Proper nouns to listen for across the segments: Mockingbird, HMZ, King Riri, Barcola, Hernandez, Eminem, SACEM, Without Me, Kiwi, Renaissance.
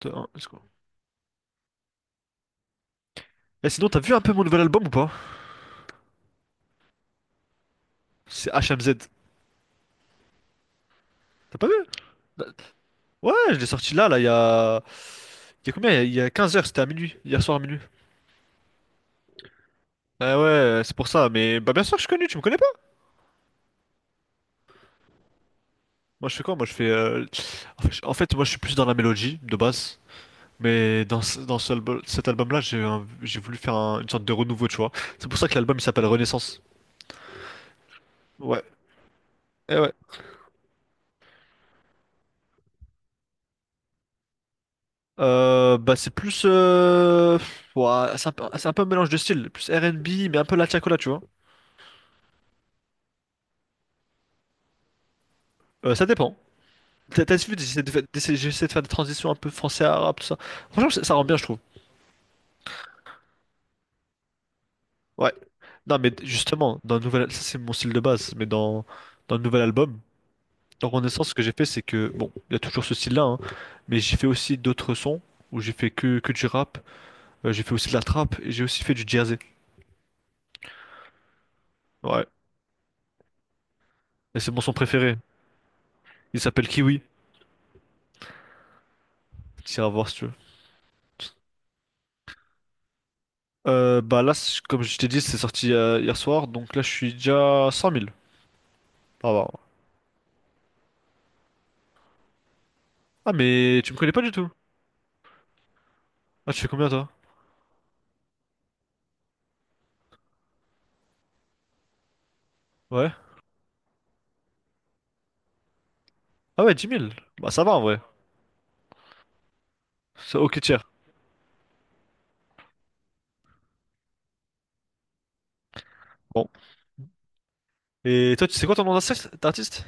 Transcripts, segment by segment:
Deux, un, let's go. Eh, sinon, t'as vu un peu mon nouvel album ou pas? C'est HMZ. T'as pas vu? Bah, ouais, je l'ai sorti là, là, il y a... Il y a combien? Il y a 15 heures, c'était à minuit. Hier soir à minuit. Ah ouais, c'est pour ça. Mais bah, bien sûr que je suis connu, tu me connais pas? Moi, je fais quoi? Moi, je fais... En fait, moi, je suis plus dans la mélodie, de base. Mais cet album-là, j'ai voulu faire une sorte de renouveau, tu vois. C'est pour ça que l'album, il s'appelle Renaissance. Ouais, eh ouais. Bah c'est plus... ouais, c'est un peu un mélange de styles, plus R&B, mais un peu la tiacola, tu vois. Ça dépend. T'as vu, j'essaie de faire des transitions un peu français arabe, tout ça. Franchement, ça rend bien, je trouve. Ouais. Non, mais justement, dans le nouvel, ça c'est mon style de base, mais dans le nouvel album, dans Renaissance, ce que j'ai fait, c'est que, bon, il y a toujours ce style-là, hein, mais j'ai fait aussi d'autres sons, où j'ai fait que du rap, j'ai fait aussi de la trap, et j'ai aussi fait du jersey. Ouais. Et c'est mon son préféré. Il s'appelle Kiwi. Tu iras voir si tu veux. Bah là, comme je t'ai dit, c'est sorti hier soir, donc là je suis déjà à 100 000. Ah, bah. Ah, mais tu me connais pas du tout. Ah, tu fais combien toi? Ouais. Ah ouais, 10 000. Bah ça va en vrai. C'est ok tier. Bon. Et toi, tu sais quoi ton nom d'artiste?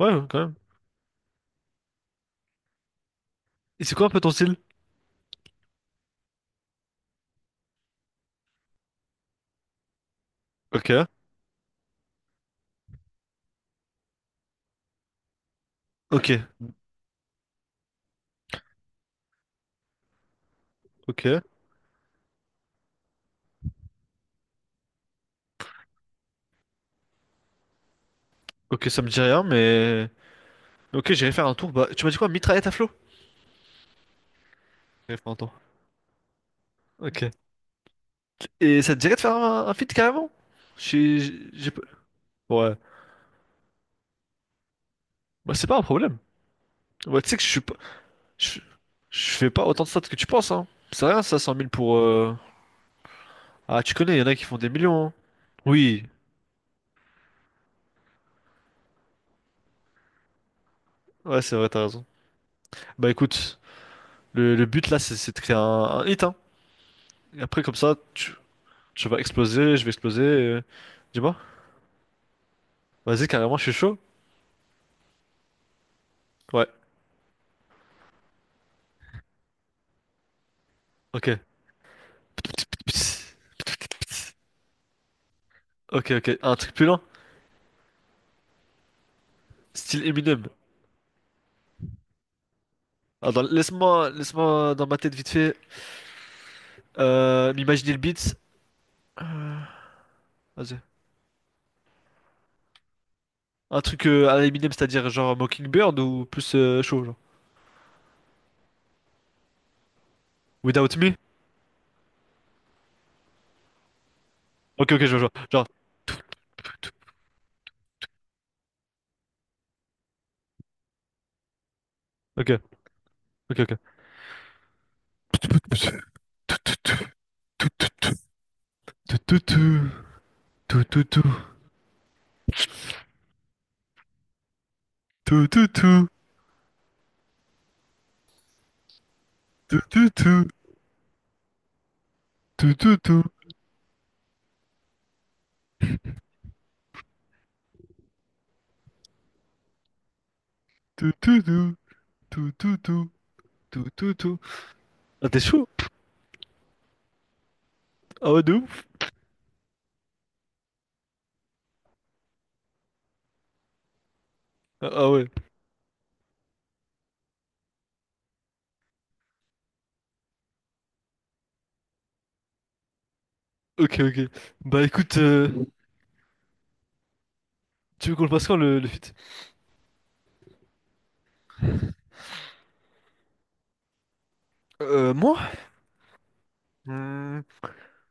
Ouais, ouais, quand même. Et c'est quoi un peu ton style? Ok. Ok. Ok. Ok, ça me dit rien, mais... Ok, j'irai faire un tour. Bah, tu m'as dit quoi? Mitraillette à flot? J'irai faire un tour. Ok. Et ça te dirait de faire un feat carrément? J'ai pas- Ouais. Bah c'est pas un problème. Ouais, tu sais que je suis pas... Je, je fais pas autant de stats que tu penses, hein. C'est rien ça, cent mille pour... Ah, tu connais, il y en a qui font des millions, hein. Oui. Ouais, c'est vrai, t'as raison. Bah écoute, le but là, c'est de créer un hit, hein. Et après, comme ça, tu vas exploser, je vais exploser, dis-moi, vas-y, carrément, je suis chaud. Ouais, ok. Ok, ok, un truc plus lent, style Eminem. Ah, laisse-moi, laisse-moi dans ma tête vite fait, m'imaginer le beat. Vas-y. Un truc, à la Eminem, c'est-à-dire genre Mockingbird ou plus, chaud, genre. Without Me? Ok, ok, je vois, je vois. Genre. Ok, ok, ok. Tout tout tout tout tout tout tout tout tout tout tout tout tout tout tout tout tout tout tout tout. Ah t'es chaud? Ah ouais de ouf? Ah ah ouais. Ok, ok. Bah écoute, tu veux qu'on le passe quand le feat? Moi? Hmm,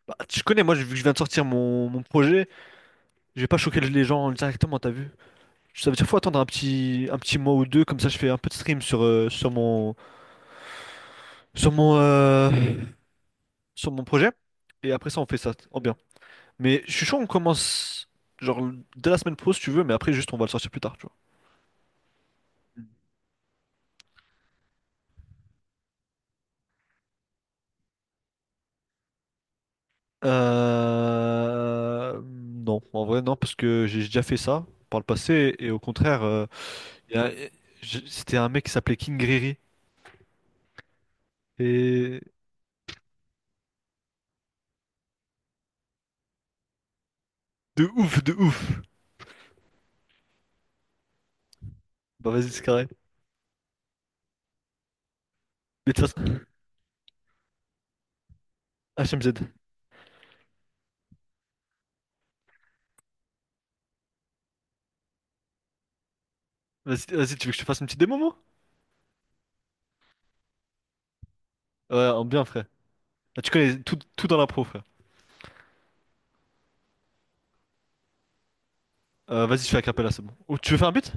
bah, tu connais moi vu que je viens de sortir mon projet, je vais pas choquer les gens directement t'as vu? Ça veut dire faut attendre un petit mois ou deux comme ça je fais un peu de stream sur mon euh, sur mon projet et après ça on fait ça en bien. Mais je suis chaud, on commence genre dès la semaine pro si tu veux, mais après juste on va le sortir plus tard, tu vois. Non, en vrai non, parce que j'ai déjà fait ça par le passé et au contraire, il y a- je- c'était un mec qui s'appelait King Riri et de ouf, de ouf. Bah vas-y c'est carré. Mais de toute façon, HMZ. Vas-y, vas-y, tu veux que je te fasse une petite démo, moi? Ouais, en bien frère. Ah, tu connais tout, tout dans la pro, frère. Vas-y, je fais un capella, c'est bon. Ou tu veux faire un beat?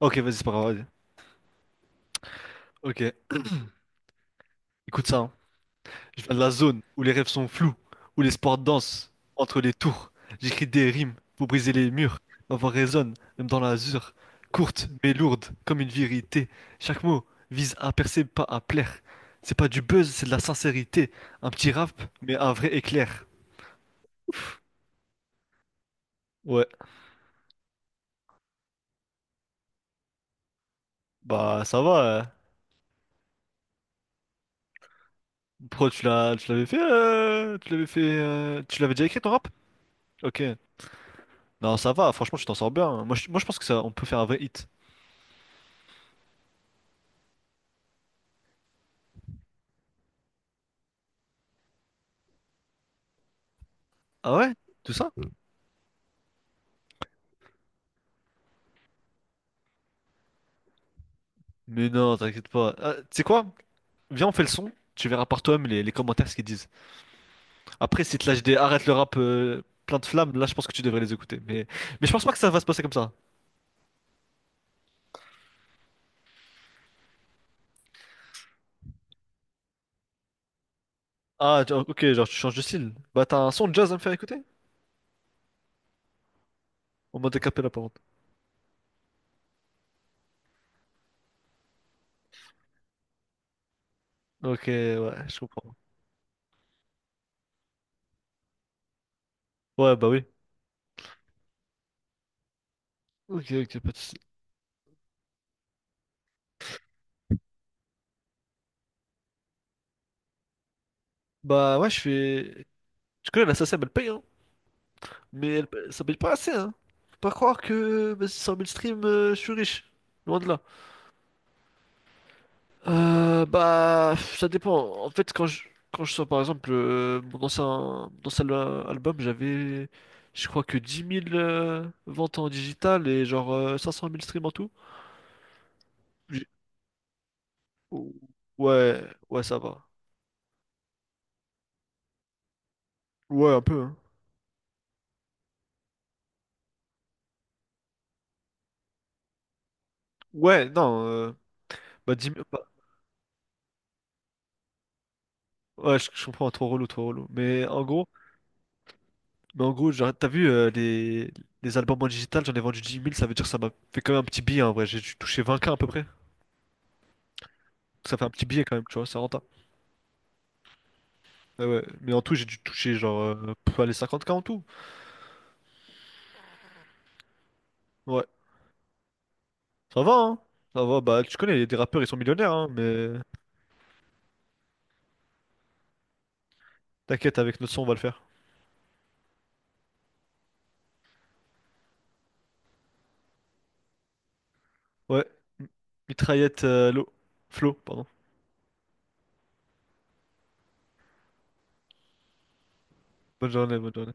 Ok, vas-y, c'est pas grave, vas-y. Ok, écoute ça, hein. Je viens de la zone où les rêves sont flous, où les sports dansent entre les tours. J'écris des rimes pour briser les murs. Ma voix résonne, même dans l'azur, courte mais lourde comme une vérité. Chaque mot vise à percer, pas à plaire. C'est pas du buzz, c'est de la sincérité. Un petit rap, mais un vrai éclair. Ouais, bah ça va, hein. Pro, tu l'avais déjà écrit ton rap? Ok. Non, ça va. Franchement, tu t'en sors bien. Moi, je pense que ça, on peut faire un vrai hit. Ah ouais? Tout ça? Mais non, t'inquiète pas. Ah, tu sais quoi? Viens, on fait le son. Tu verras par toi-même les commentaires ce qu'ils disent. Après, si te lâchent des arrête le rap, plein de flammes, là, je pense que tu devrais les écouter. Mais je pense pas que ça va se passer comme ça. Ah, ok, genre tu changes de style. Bah, t'as un son de jazz à me faire écouter? En mode acapella, par contre. Ok, ouais, je comprends. Ouais, bah oui. Ok, ok, pas de soucis. Bah, ouais, je fais. Tu connais la SACEM, elle paye, hein. Mais elle, ça paye pas assez, hein. Faut pas croire que bah, 100 000 streams, je suis riche. Loin de là. Bah, ça dépend. En fait, quand je sors par exemple, album, j'avais, je crois que 10 000, ventes en digital et genre, 500 000 streams en tout. J'ai- Ou- Ouais, ouais, ça va. Ouais, un peu, hein. Ouais, non, bah, 10 000 bah, ouais, je comprends, trop relou, trop relou. Mais en gros, genre, t'as vu, les albums en digital, j'en ai vendu 10 000 ça veut dire que ça m'a fait quand même un petit billet en vrai. J'ai touché 20K à peu près. Ça fait un petit billet quand même, tu vois, ça rend. Ah ouais, mais en tout, j'ai dû toucher genre, pas les 50K en tout. Ouais, ça va, hein. Ça va, bah tu connais, les rappeurs ils sont millionnaires, hein, mais t'inquiète, avec notre son on va le faire. Ouais, M- mitraillette, l'eau. Flo, pardon. Bonne journée, bonne journée.